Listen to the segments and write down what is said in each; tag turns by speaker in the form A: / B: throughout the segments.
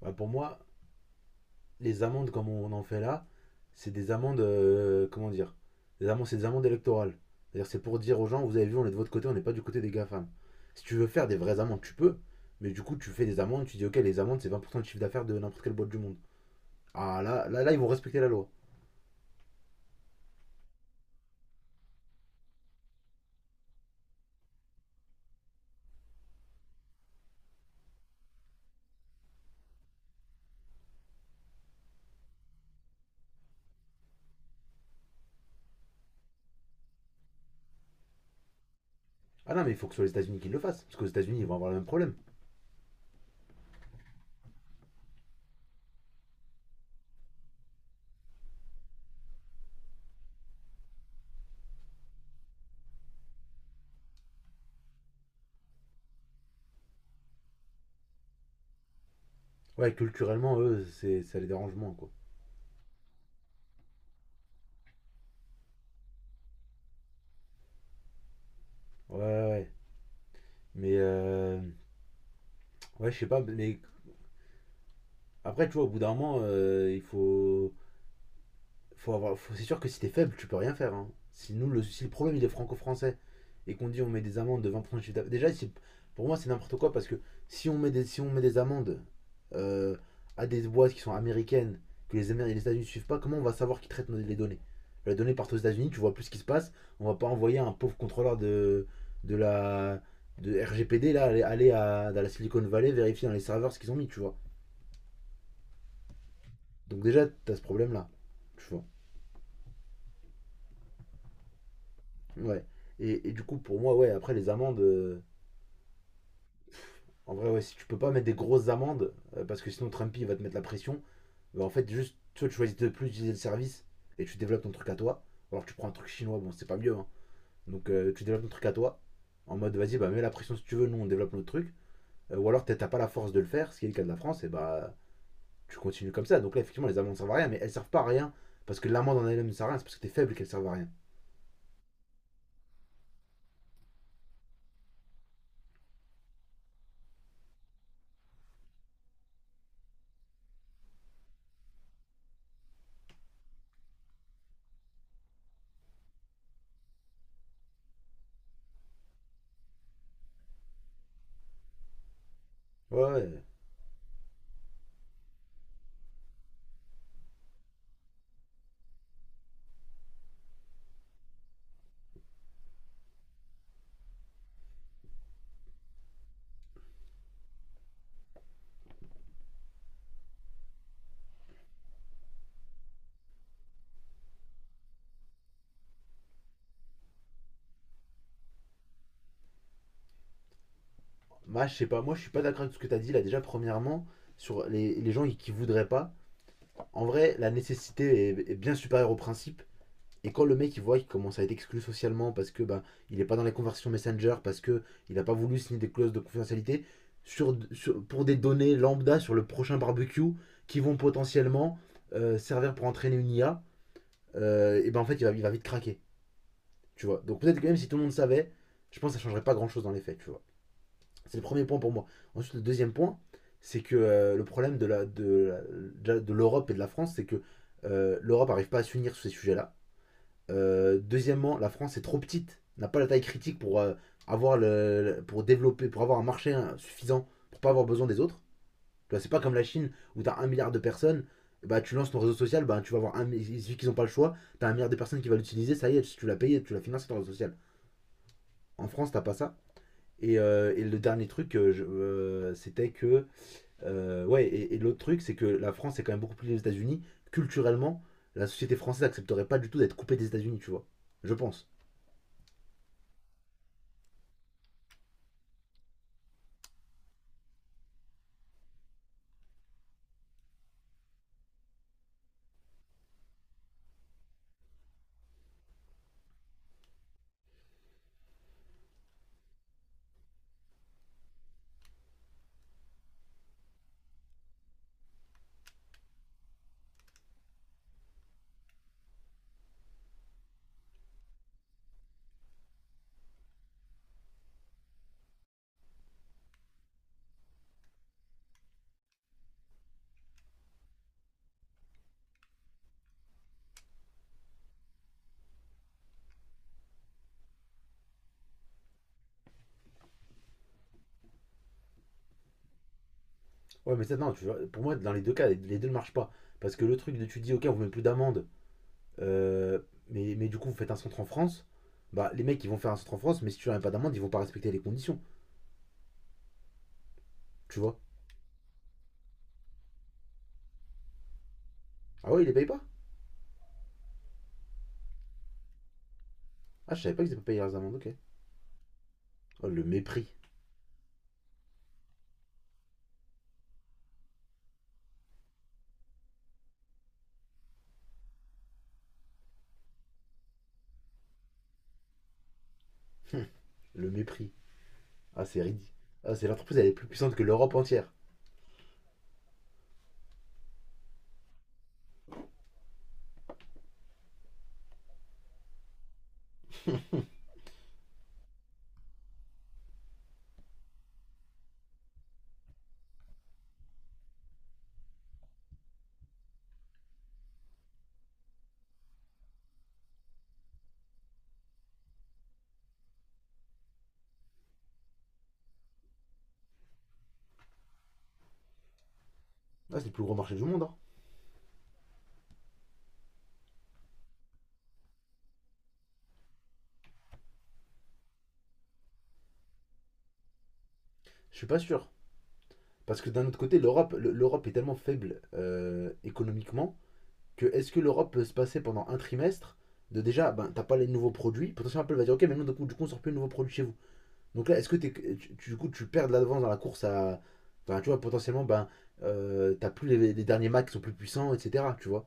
A: Bah, pour moi, les amendes comme on en fait là, c'est des amendes, comment dire, des amendes, c'est des amendes électorales. C'est-à-dire c'est pour dire aux gens, vous avez vu, on est de votre côté, on n'est pas du côté des GAFAM. Si tu veux faire des vraies amendes, tu peux, mais du coup tu fais des amendes, tu dis ok, les amendes c'est 20% de chiffre d'affaires de n'importe quelle boîte du monde. Ah là, là, là, ils vont respecter la loi. Ah non, mais il faut que ce soit les États-Unis qui le fassent, parce qu'aux États-Unis ils vont avoir le même problème. Ouais, culturellement, eux, c'est, ça les dérange moins, quoi. Ouais, ouais, ouais. Mais, ouais, je sais pas, mais après, tu vois, au bout d'un moment, il faut... c'est sûr que si t'es faible, tu peux rien faire, hein. Si, nous, le, si le problème il est franco-français et qu'on dit on met des amendes de 20% de chiffre d'affaires- déjà, c'est- pour moi c'est n'importe quoi parce que si on met des amendes euh, à des boîtes qui sont américaines, que les, les États-Unis ne suivent pas, comment on va savoir qui traitent nos- les données. Les données partent aux États-Unis, tu vois plus ce qui se passe, on va pas envoyer un pauvre contrôleur de la de RGPD là, aller à, dans la Silicon Valley vérifier dans les serveurs ce qu'ils ont mis, tu vois. Donc déjà, t'as ce problème là, tu vois. Ouais. Et du coup, pour moi, ouais, après les amendes, en vrai, ouais, si tu peux pas mettre des grosses amendes, parce que sinon Trumpy va te mettre la pression, bah, en fait, juste, tu vois, tu choisis de plus utiliser le service et tu développes ton truc à toi. Ou alors, tu prends un truc chinois, bon, c'est pas mieux, hein. Donc, tu développes ton truc à toi, en mode, vas-y, bah, mets la pression si tu veux, nous, on développe notre truc. Ou alors, t'as pas la force de le faire, ce qui est le cas de la France, et bah, tu continues comme ça. Donc, là, effectivement, les amendes servent à rien, mais elles servent pas à rien, parce que l'amende en elle-même ne sert à rien, c'est parce que t'es faible qu'elle servent à rien. Ouais, ouais. Bah, je sais pas, moi je suis pas d'accord avec ce que tu as dit là. Déjà, premièrement, sur les gens qui voudraient pas, en vrai, la nécessité est, est bien supérieure au principe. Et quand le mec il voit qu'il commence à être exclu socialement parce que bah, il est pas dans les conversations Messenger, parce que il a pas voulu signer des clauses de confidentialité sur, sur- pour des données lambda sur le prochain barbecue qui vont potentiellement servir pour entraîner une IA, et ben en fait il va vite craquer, tu vois. Donc peut-être que même si tout le monde savait, je pense que ça changerait pas grand chose dans les faits, tu vois. C'est le premier point pour moi. Ensuite, le deuxième point, c'est que le problème de l'Europe et de la France, c'est que l'Europe n'arrive pas à s'unir sur ces sujets-là. Deuxièmement, la France est trop petite, n'a pas la taille critique pour avoir le, pour développer, pour avoir un marché hein, suffisant pour pas avoir besoin des autres. Tu vois, c'est pas comme la Chine où tu as un milliard de personnes, bah tu lances ton réseau social, bah tu vas avoir un, mi- il suffit qu'ils ont pas le choix, tu as un milliard de personnes qui va l'utiliser, ça y est, si tu l'as payé, tu l'as financé ton réseau social. En France, t'as pas ça. Et le dernier truc, c'était que ouais, et l'autre truc, c'est que la France est quand même beaucoup plus les États-Unis. Culturellement, la société française n'accepterait pas du tout d'être coupée des États-Unis, tu vois. Je pense. Ouais, mais ça, non, tu vois, pour moi, dans les deux cas, les, deux ne marchent pas. Parce que le truc de tu dis, ok, on vous met plus d'amende, euh, mais du coup, vous faites un centre en France. Bah, les mecs, ils vont faire un centre en France, mais si tu leur as pas d'amende, ils vont pas respecter les conditions, tu vois. Ah ouais, ils les payent pas. Ah, je savais pas qu'ils étaient pas payé leurs amendes, ok. Oh, le mépris. Le mépris. Ah, c'est ridicule. Ah, c'est l'entreprise, elle est plus puissante que l'Europe entière. Ah, c'est le plus gros marché du monde, hein. Je suis pas sûr. Parce que d'un autre côté, l'Europe, l'Europe est tellement faible économiquement que est-ce que l'Europe peut se passer pendant un trimestre de déjà, ben, t'as pas les nouveaux produits. Potentiellement, Apple va dire, ok, mais non, du coup, on sort plus de nouveaux produits chez vous. Donc là, est-ce que tu, du coup, tu perds de l'avance dans la course à... Enfin, tu vois, potentiellement, ben, t'as plus les derniers Mac qui sont plus puissants, etc. Tu vois.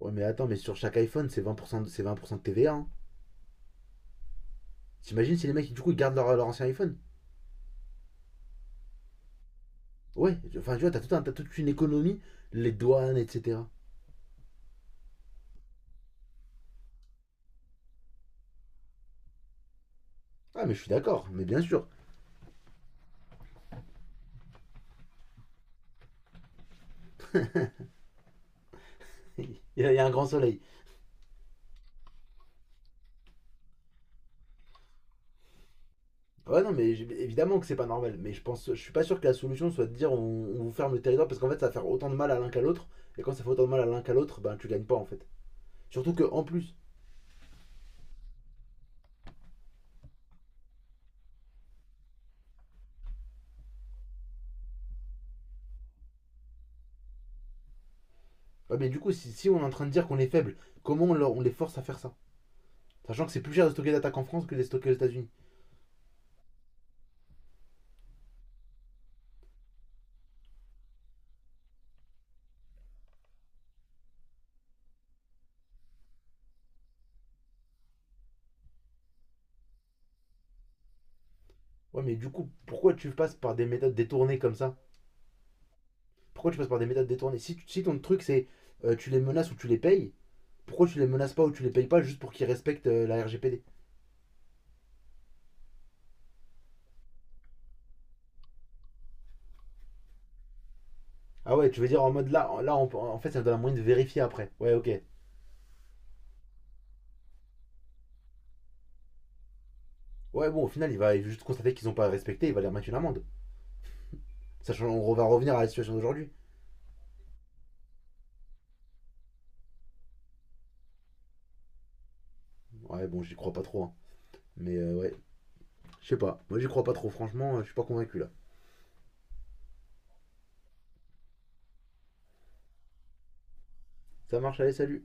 A: Ouais, mais attends, mais sur chaque iPhone, c'est 20%, de- c'est 20% de TVA, hein. T'imagines si les mecs, du coup, ils gardent leur, leur ancien iPhone. Ouais, enfin, tu vois, t'as t'as toute une économie, les douanes, etc. Ah, mais je suis d'accord, mais bien sûr. Il y a un grand soleil. Ouais, non, mais évidemment que c'est pas normal. Mais je pense, je suis pas sûr que la solution soit de dire on vous ferme le territoire parce qu'en fait ça va faire autant de mal à l'un qu'à l'autre. Et quand ça fait autant de mal à l'un qu'à l'autre, ben tu gagnes pas en fait. Surtout que en plus. Ouais, mais du coup, si, si on est en train de dire qu'on est faible, comment on, leur- on les force à faire ça. Sachant que c'est plus cher de stocker d'attaques en France que de les stocker aux États-Unis. Ouais, mais du coup, pourquoi tu passes par des méthodes détournées comme ça. Pourquoi tu passes par des méthodes détournées si, si ton truc c'est tu les menaces ou tu les payes, pourquoi tu les menaces pas ou tu les payes pas juste pour qu'ils respectent la RGPD. Ah ouais, tu veux dire en mode là, là on peut- en fait ça me donne un moyen de vérifier après. Ouais, ok. Ouais, bon, au final, il va juste constater qu'ils ont pas respecté, il va leur mettre une amende. Sachant qu'on va revenir à la situation d'aujourd'hui. Ouais, bon, j'y crois pas trop, hein. Mais ouais, je sais pas. Moi, j'y crois pas trop. Franchement, je suis pas convaincu là. Ça marche, allez, salut.